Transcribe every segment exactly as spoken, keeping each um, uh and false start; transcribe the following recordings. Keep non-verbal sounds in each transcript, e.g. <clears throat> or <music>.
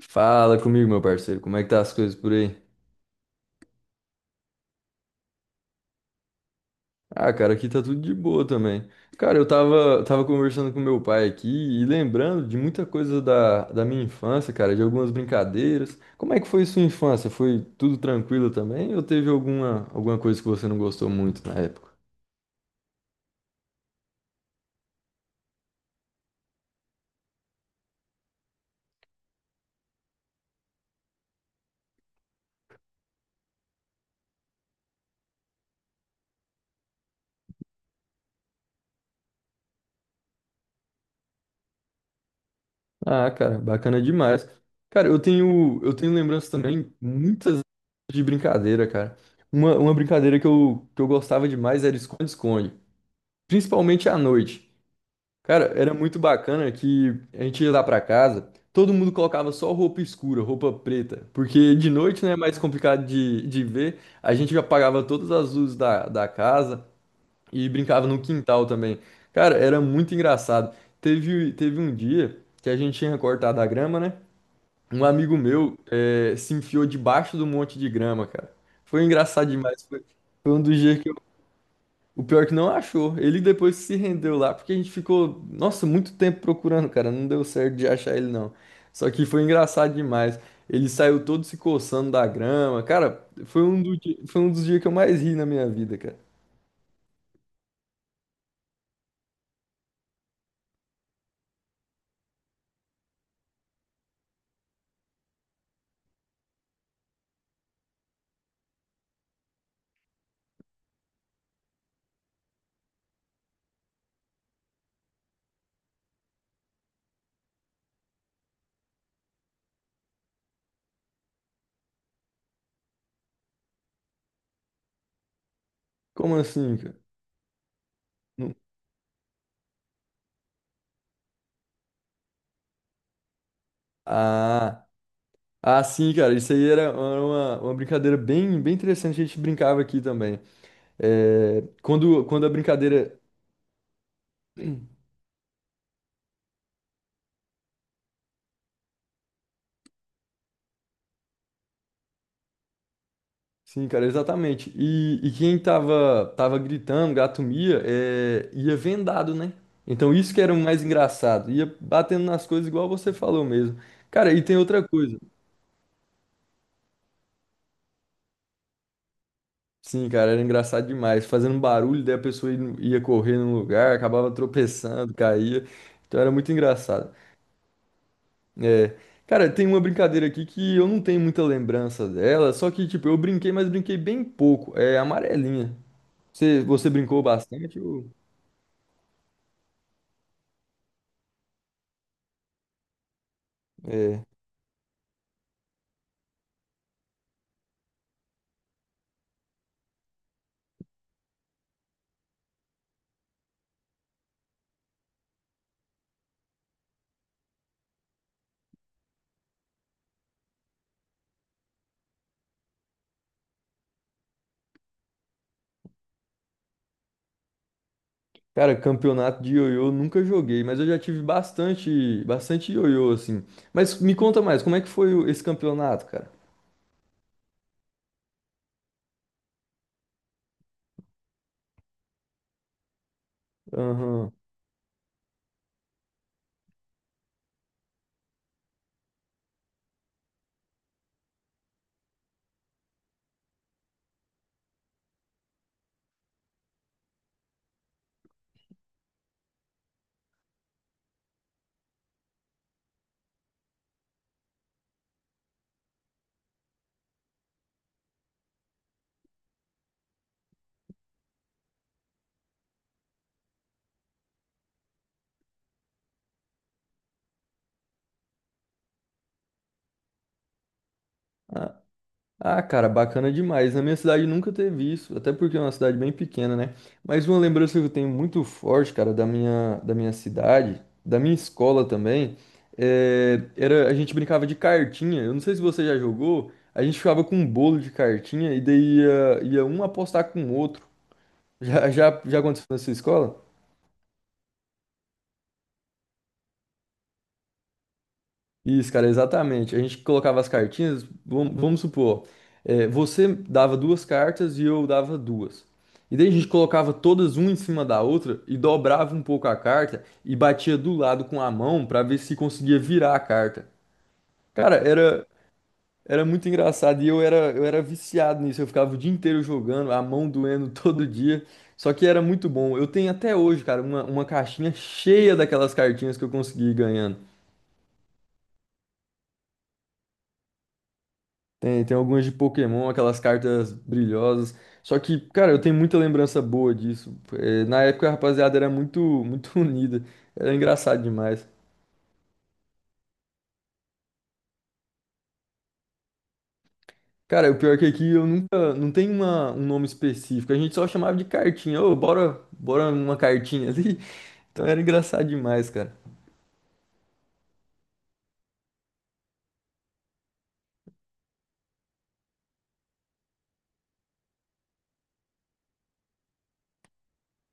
Fala comigo, meu parceiro. Como é que tá as coisas por aí? Ah, cara, aqui tá tudo de boa também. Cara, eu tava, tava conversando com meu pai aqui e lembrando de muita coisa da, da minha infância, cara, de algumas brincadeiras. Como é que foi sua infância? Foi tudo tranquilo também ou teve alguma, alguma coisa que você não gostou muito na época? Ah, cara, bacana demais. Cara, eu tenho, eu tenho lembranças também muitas de brincadeira, cara. Uma, uma brincadeira que eu, que eu gostava demais era esconde-esconde, principalmente à noite. Cara, era muito bacana que a gente ia lá pra casa, todo mundo colocava só roupa escura, roupa preta, porque de noite, né, é mais complicado de, de ver, a gente apagava todas as luzes da, da casa e brincava no quintal também. Cara, era muito engraçado. Teve, teve um dia que a gente tinha cortado a grama, né? Um amigo meu eh, se enfiou debaixo do monte de grama, cara. Foi engraçado demais. Foi, foi um dos dias que eu. O pior é que não achou. Ele depois se rendeu lá, porque a gente ficou, nossa, muito tempo procurando, cara. Não deu certo de achar ele, não. Só que foi engraçado demais. Ele saiu todo se coçando da grama. Cara, foi um, do di- foi um dos dias que eu mais ri na minha vida, cara. Como assim, cara? Não- Ah, ah, sim, cara. Isso aí era era uma, uma brincadeira bem, bem interessante. A gente brincava aqui também. É, quando, quando a brincadeira. <clears throat> Sim, cara, exatamente. E, e quem tava, tava gritando, gato mia, é, ia vendado, né? Então isso que era o mais engraçado. Ia batendo nas coisas igual você falou mesmo. Cara, e tem outra coisa. Sim, cara, era engraçado demais. Fazendo barulho, daí a pessoa ia, no- ia correr no lugar, acabava tropeçando, caía. Então era muito engraçado. É. Cara, tem uma brincadeira aqui que eu não tenho muita lembrança dela, só que, tipo, eu brinquei, mas brinquei bem pouco. É amarelinha. Você, você brincou bastante? ou- É. Cara, campeonato de ioiô eu nunca joguei, mas eu já tive bastante, bastante ioiô, assim. Mas me conta mais, como é que foi o- esse campeonato, cara? Aham. Ah, ah, cara, bacana demais. Na minha cidade nunca teve isso, até porque é uma cidade bem pequena, né? Mas uma lembrança que eu tenho muito forte, cara, da minha, da minha cidade, da minha escola também, é, era, a gente brincava de cartinha. Eu não sei se você já jogou, a gente ficava com um bolo de cartinha e daí ia, ia um apostar com o outro. Já, já, já aconteceu na sua escola? Isso, cara, exatamente. A gente colocava as cartinhas, vamos, vamos supor, eh, você dava duas cartas e eu dava duas. E daí a gente colocava todas uma em cima da outra e dobrava um pouco a carta e batia do lado com a mão pra ver se conseguia virar a carta. Cara, era, era muito engraçado e eu era, eu era viciado nisso. Eu ficava o dia inteiro jogando, a mão doendo <laughs> todo dia. Só que era muito bom. Eu tenho até hoje, cara, uma, uma caixinha cheia daquelas cartinhas que eu consegui ir ganhando. Tem, tem algumas de Pokémon, aquelas cartas brilhosas. Só que, cara, eu tenho muita lembrança boa disso. É, na época a rapaziada era muito, muito <laughs> unida. Era engraçado demais. Cara, o pior que aqui eu nunca. Não tem uma, um nome específico. A gente só chamava de cartinha. Ô, bora, bora uma cartinha ali. <laughs> Então era engraçado demais, cara.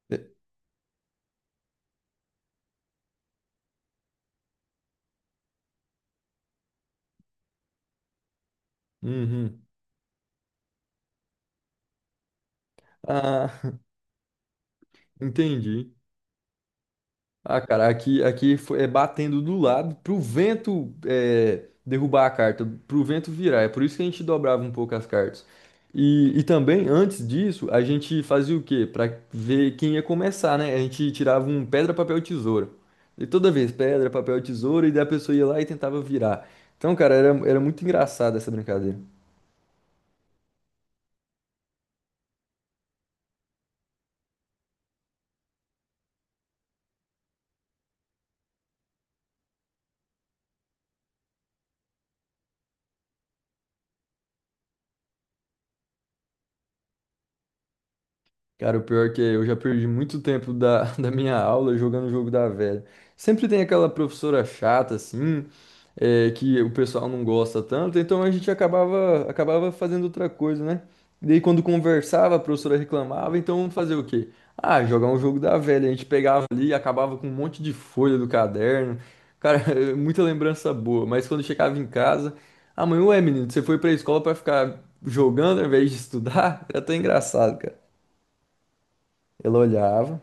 É. Uhum. Ah, <laughs> entendi. Ah, cara, aqui, aqui fo- é batendo do lado pro vento é, derrubar a carta, pro vento virar. É por isso que a gente dobrava um pouco as cartas. E, e também, antes disso, a gente fazia o quê? Pra ver quem ia começar, né? A gente tirava um pedra, papel, tesoura. E toda vez, pedra, papel, tesoura, e daí a pessoa ia lá e tentava virar. Então, cara, era, era muito engraçado essa brincadeira. Cara, o pior é que eu já perdi muito tempo da, <laughs> da minha aula jogando o jogo da velha. Sempre tem aquela professora chata, assim, é, que o pessoal não gosta tanto, então a gente acabava, acabava fazendo outra coisa, né? E daí quando conversava, a professora reclamava, então fazer o quê? Ah, jogar um jogo da velha. A gente pegava ali e acabava com um monte de folha do caderno. Cara, <laughs> é muita lembrança boa, mas quando chegava em casa, ah, mãe, ué, menino, você foi pra escola pra ficar jogando ao invés de estudar? <laughs> Era até engraçado, cara. Ela olhava.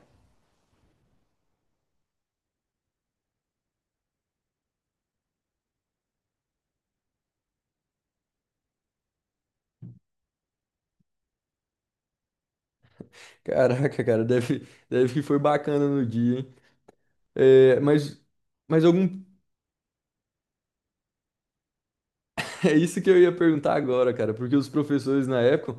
Caraca, cara, deve, deve que foi bacana no dia, hein? É, mas, mas, algum. <laughs> É isso que eu ia perguntar agora, cara, porque os professores na época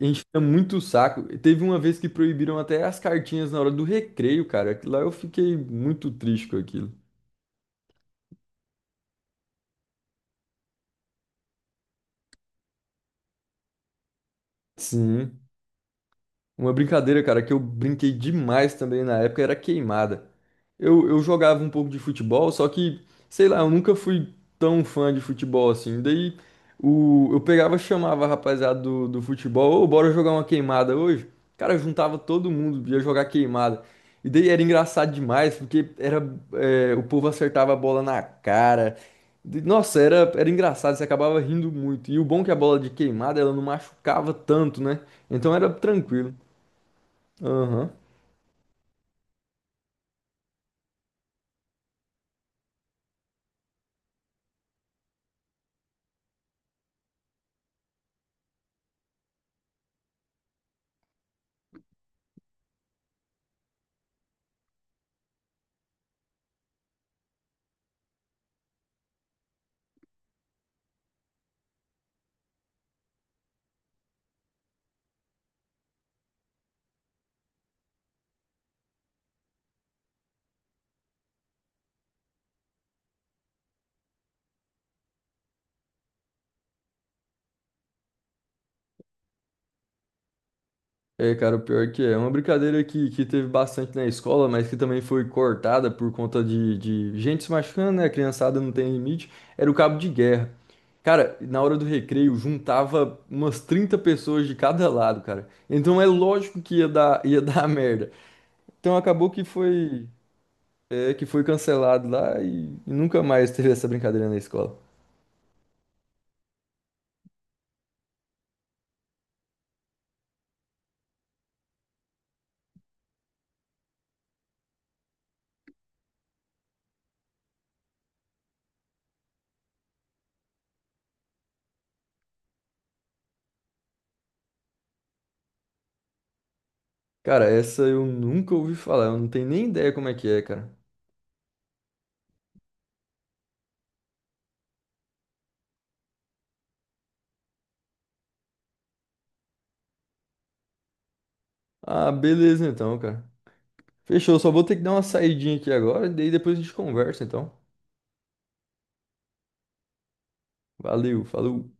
enchiam muito o saco. Teve uma vez que proibiram até as cartinhas na hora do recreio, cara. Lá eu fiquei muito triste com aquilo. Sim. Uma brincadeira, cara, que eu brinquei demais também na época era queimada. Eu, eu jogava um pouco de futebol, só que, sei lá, eu nunca fui tão fã de futebol assim. Daí o, eu pegava, chamava a rapaziada do, do futebol, ô, bora jogar uma queimada hoje? Cara, juntava todo mundo, ia jogar queimada. E daí era engraçado demais, porque era, é, o povo acertava a bola na cara. De- Nossa, era, era engraçado, você acabava rindo muito. E o bom é que a bola de queimada, ela não machucava tanto, né? Então era tranquilo. Aham. É, cara, o pior que é. É uma brincadeira que, que teve bastante na escola, mas que também foi cortada por conta de, de gente se machucando, né? A criançada não tem limite. Era o cabo de guerra. Cara, na hora do recreio, juntava umas trinta pessoas de cada lado, cara. Então é lógico que ia dar, ia <laughs> dar merda. Então acabou que foi, é, que foi cancelado lá e, e nunca mais teve essa brincadeira na escola. Cara, essa eu nunca ouvi falar. Eu não tenho nem ideia como é que é, cara. Ah, beleza então, cara. Fechou, só vou ter que dar uma saidinha aqui agora, e daí depois a gente conversa, então. Valeu, falou.